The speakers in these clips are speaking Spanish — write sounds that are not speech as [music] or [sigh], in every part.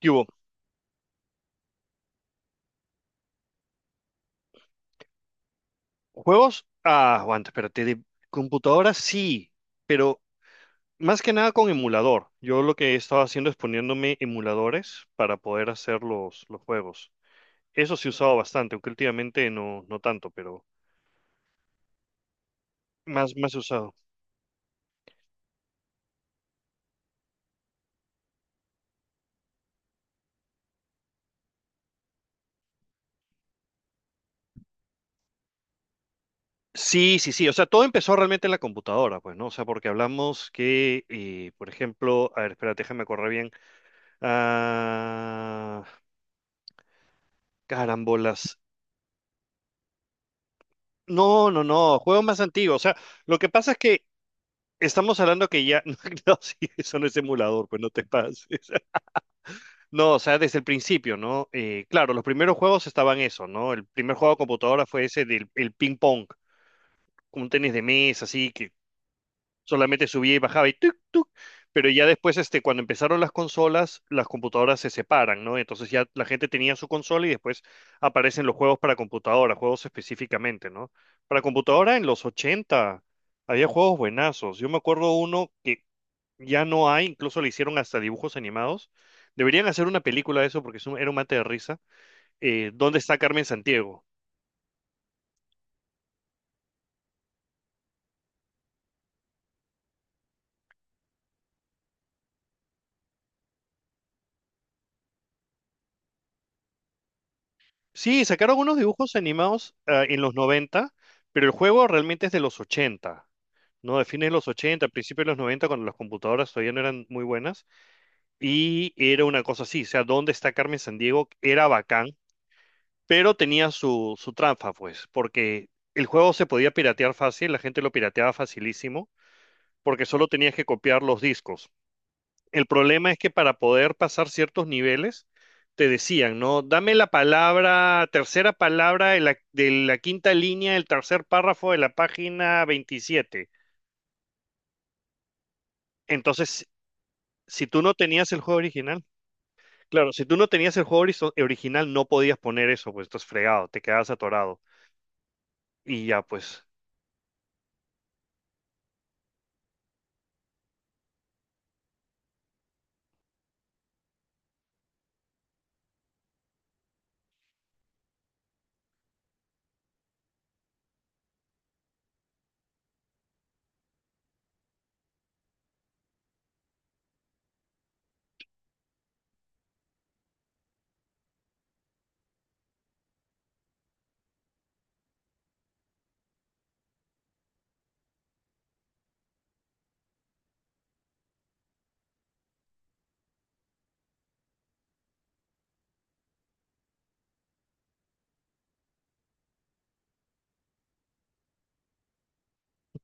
¿Qué hubo? ¿Juegos? Ah, aguanta, espérate. De computadora sí, pero más que nada con emulador. Yo lo que he estado haciendo es poniéndome emuladores para poder hacer los juegos. Eso sí he usado bastante, aunque últimamente no, no tanto, pero más he usado. Sí, sí, sí. O sea, todo empezó realmente en la computadora, pues, ¿no? O sea, porque hablamos que, por ejemplo, a ver, espérate, déjame correr bien. Ah, carambolas. No, no, no, juegos más antiguos. O sea, lo que pasa es que estamos hablando que ya, [laughs] no, sí, eso no es emulador, pues no te pases. [laughs] No, o sea, desde el principio, ¿no? Claro, los primeros juegos estaban eso, ¿no? El primer juego de computadora fue ese del el ping pong, un tenis de mesa, así que solamente subía y bajaba y tuk, tuk. Pero ya después, este, cuando empezaron las consolas, las computadoras se separan, ¿no? Entonces ya la gente tenía su consola y después aparecen los juegos para computadora, juegos específicamente, ¿no? Para computadora en los 80 había juegos buenazos. Yo me acuerdo uno que ya no hay, incluso le hicieron hasta dibujos animados. Deberían hacer una película de eso porque es era un mate de risa. ¿Dónde está Carmen Santiago? Sí, sacaron unos dibujos animados ah, en los 90, pero el juego realmente es de los 80, ¿no? De fines de los 80, principios de los 90, cuando las computadoras todavía no eran muy buenas. Y era una cosa así, o sea, ¿dónde está Carmen Sandiego? Era bacán, pero tenía su trampa, pues, porque el juego se podía piratear fácil, la gente lo pirateaba facilísimo, porque solo tenías que copiar los discos. El problema es que para poder pasar ciertos niveles, te decían, ¿no? Dame la palabra, tercera palabra de la quinta línea del tercer párrafo de la página 27. Entonces, si tú no tenías el juego original, claro, si tú no tenías el juego original, no podías poner eso, pues estás fregado, te quedabas atorado. Y ya, pues,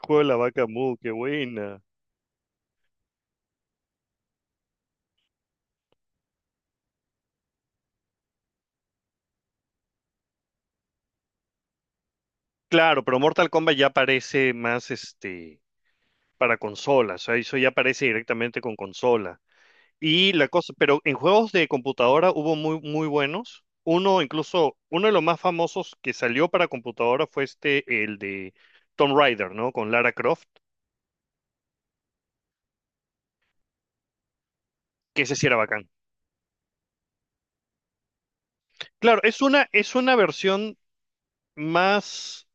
juego de la vaca mu, qué buena. Claro, pero Mortal Kombat ya aparece más, este, para consolas, o sea, eso ya aparece directamente con consola. Y la cosa, pero en juegos de computadora hubo muy, muy buenos. Uno, incluso, uno de los más famosos que salió para computadora fue este, el de Tomb Raider, ¿no? Con Lara Croft, que ese sí era bacán. Claro, es una versión más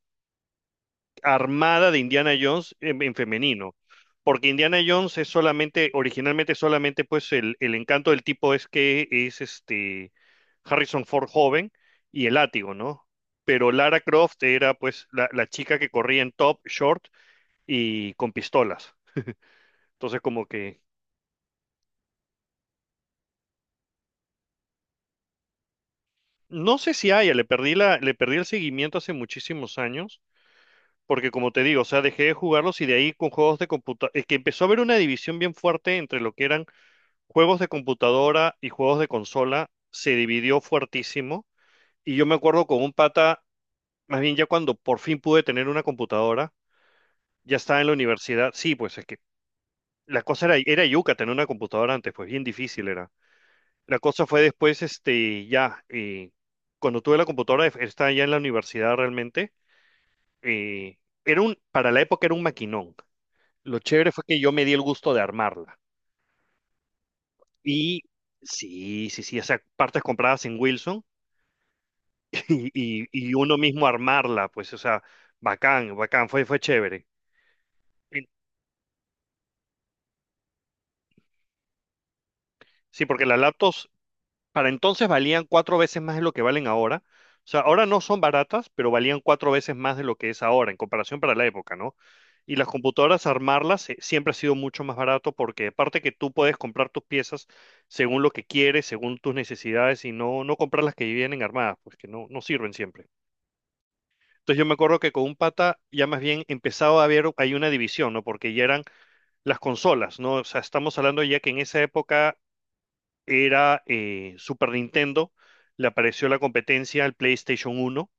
armada de Indiana Jones en femenino. Porque Indiana Jones es solamente, originalmente solamente, pues el encanto del tipo es que es este Harrison Ford joven y el látigo, ¿no? Pero Lara Croft era pues la chica que corría en top, short y con pistolas. Entonces como que no sé si haya, le perdí el seguimiento hace muchísimos años, porque como te digo, o sea, dejé de jugarlos y de ahí con juegos de computadora, es que empezó a haber una división bien fuerte entre lo que eran juegos de computadora y juegos de consola se dividió fuertísimo. Y yo me acuerdo con un pata, más bien ya cuando por fin pude tener una computadora, ya estaba en la universidad. Sí, pues es que la cosa era, era yuca tener una computadora antes, pues bien difícil era. La cosa fue después, este, ya, cuando tuve la computadora, estaba ya en la universidad realmente. eh, era un, para la época era un maquinón. Lo chévere fue que yo me di el gusto de armarla. Y sí, sí, sí, o sea, partes compradas en Wilson y uno mismo armarla, pues, o sea, bacán, bacán, fue chévere. Y- Sí, porque las laptops para entonces valían cuatro veces más de lo que valen ahora. O sea, ahora no son baratas, pero valían cuatro veces más de lo que es ahora, en comparación para la época, ¿no? Y las computadoras, armarlas, siempre ha sido mucho más barato porque aparte que tú puedes comprar tus piezas según lo que quieres, según tus necesidades y no, no comprar las que vienen armadas, pues que no, no sirven siempre. Entonces yo me acuerdo que con un pata ya más bien empezaba a haber, hay una división, ¿no? Porque ya eran las consolas, ¿no? O sea, estamos hablando ya que en esa época era Super Nintendo, le apareció la competencia al PlayStation 1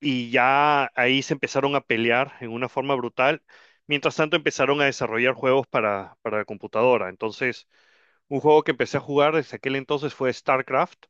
y ya ahí se empezaron a pelear en una forma brutal. Mientras tanto empezaron a desarrollar juegos para la computadora. Entonces, un juego que empecé a jugar desde aquel entonces fue StarCraft.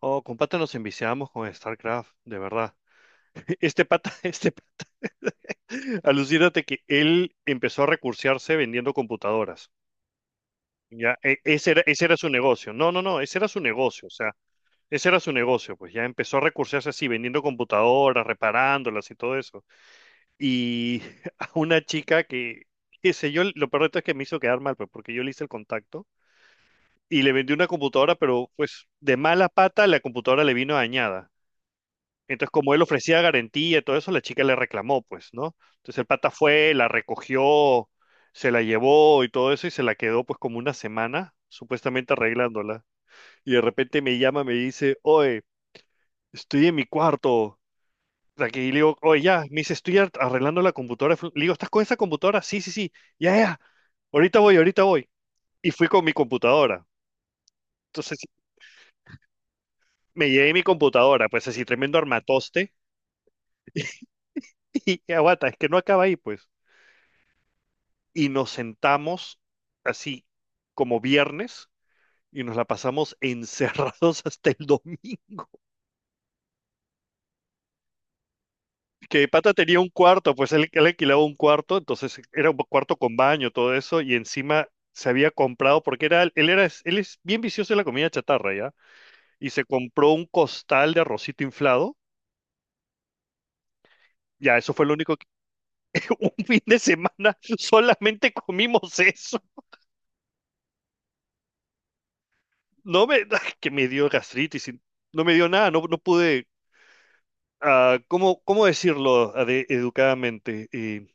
Oh, con pata nos enviciamos con StarCraft, de verdad. [laughs] Este pata, este [laughs] pata, alucínate que él empezó a recursearse vendiendo computadoras. Ya, ese era su negocio. No, no, no, ese era su negocio. O sea, ese era su negocio. Pues ya empezó a recursearse así, vendiendo computadoras, reparándolas y todo eso. Y [laughs] a una chica que, qué sé yo, lo peor de todo es que me hizo quedar mal, pues porque yo le hice el contacto y le vendí una computadora, pero pues de mala pata la computadora le vino dañada. Entonces, como él ofrecía garantía y todo eso, la chica le reclamó, pues, ¿no? Entonces el pata fue, la recogió, se la llevó y todo eso y se la quedó pues como una semana, supuestamente arreglándola. Y de repente me llama, me dice, oye, estoy en mi cuarto. Aquí le digo, oye, ya, me dice, estoy arreglando la computadora. Le digo, ¿estás con esa computadora? Sí, sí, sí, ya, ya. Ahorita voy, ahorita voy. Y fui con mi computadora. Entonces me llevé mi computadora, pues así, tremendo armatoste. [laughs] Y aguanta, es que no acaba ahí, pues. Y nos sentamos así como viernes y nos la pasamos encerrados [laughs] hasta el domingo. Que pata tenía un cuarto, pues él alquilaba un cuarto, entonces era un cuarto con baño, todo eso, y encima se había comprado, porque era, él es bien vicioso de la comida chatarra, ¿ya? Y se compró un costal de arrocito inflado, ya, eso fue lo único que, [laughs] un fin de semana solamente comimos eso. No me, [laughs] que me dio gastritis, y no me dio nada, no, no pude, ah, ¿cómo decirlo educadamente? Y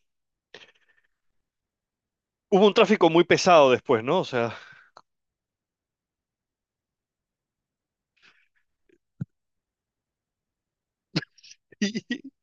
hubo un tráfico muy pesado después, ¿no? O sea, [laughs]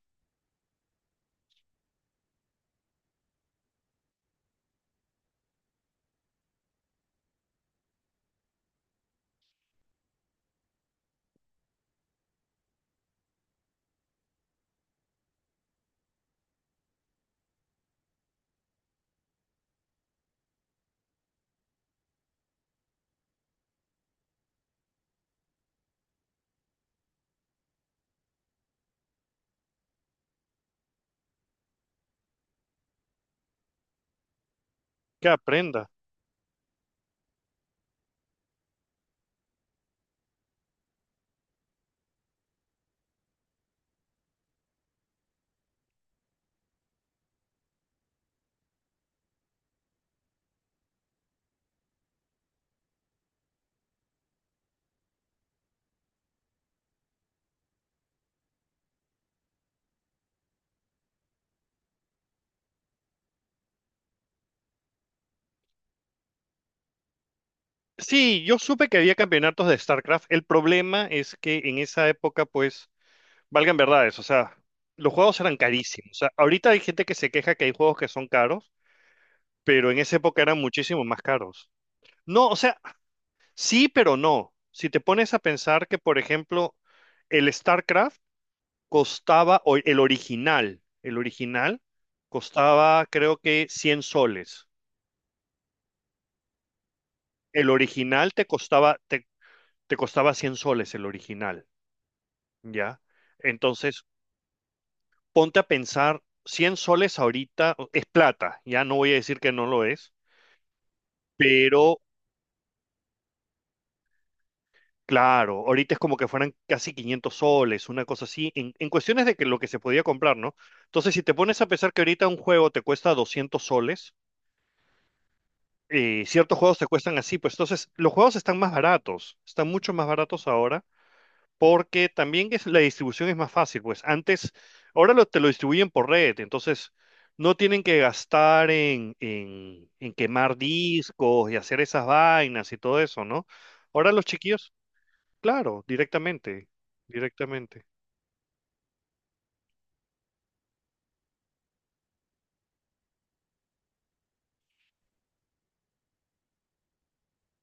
que aprenda. Sí, yo supe que había campeonatos de StarCraft. El problema es que en esa época, pues, valgan verdades, o sea, los juegos eran carísimos. O sea, ahorita hay gente que se queja que hay juegos que son caros, pero en esa época eran muchísimo más caros. No, o sea, sí, pero no. Si te pones a pensar que, por ejemplo, el StarCraft costaba, o el original costaba, creo que 100 soles. El original te costaba 100 soles, el original. Ya. Entonces, ponte a pensar, 100 soles ahorita es plata, ya no voy a decir que no lo es, pero claro, ahorita es como que fueran casi 500 soles, una cosa así, en cuestiones de que lo que se podía comprar, ¿no? Entonces, si te pones a pensar que ahorita un juego te cuesta 200 soles, ciertos juegos te cuestan así, pues entonces los juegos están más baratos, están mucho más baratos ahora porque también es, la distribución es más fácil, pues antes, ahora te lo distribuyen por red, entonces no tienen que gastar en, en quemar discos y hacer esas vainas y todo eso, ¿no? Ahora los chiquillos, claro, directamente, directamente.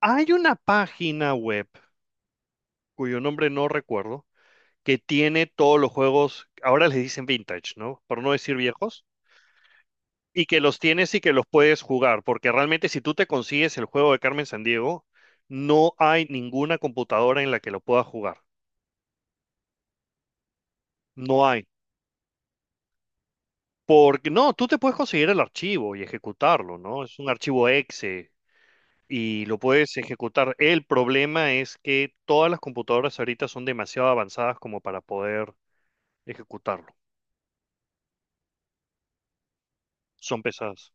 Hay una página web cuyo nombre no recuerdo, que tiene todos los juegos, ahora les dicen vintage, ¿no? Por no decir viejos y que los tienes y que los puedes jugar, porque realmente si tú te consigues el juego de Carmen Sandiego, no hay ninguna computadora en la que lo puedas jugar. No hay. Porque no, tú te puedes conseguir el archivo y ejecutarlo, ¿no? Es un archivo exe y lo puedes ejecutar. El problema es que todas las computadoras ahorita son demasiado avanzadas como para poder ejecutarlo. Son pesadas.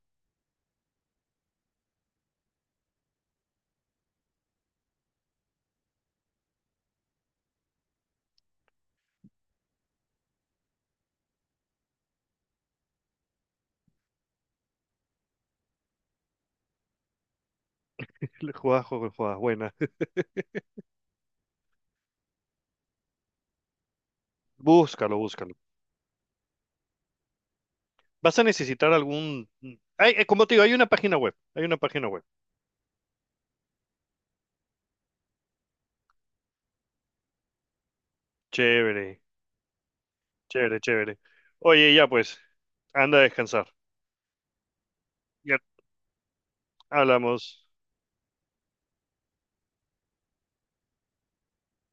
Le juegas, juegas, juegas, buena. [laughs] Búscalo, búscalo. Vas a necesitar algún... Ay, como te digo, hay una página web. Hay una página web. Chévere, chévere, chévere. Oye, ya pues, anda a descansar. Ya hablamos.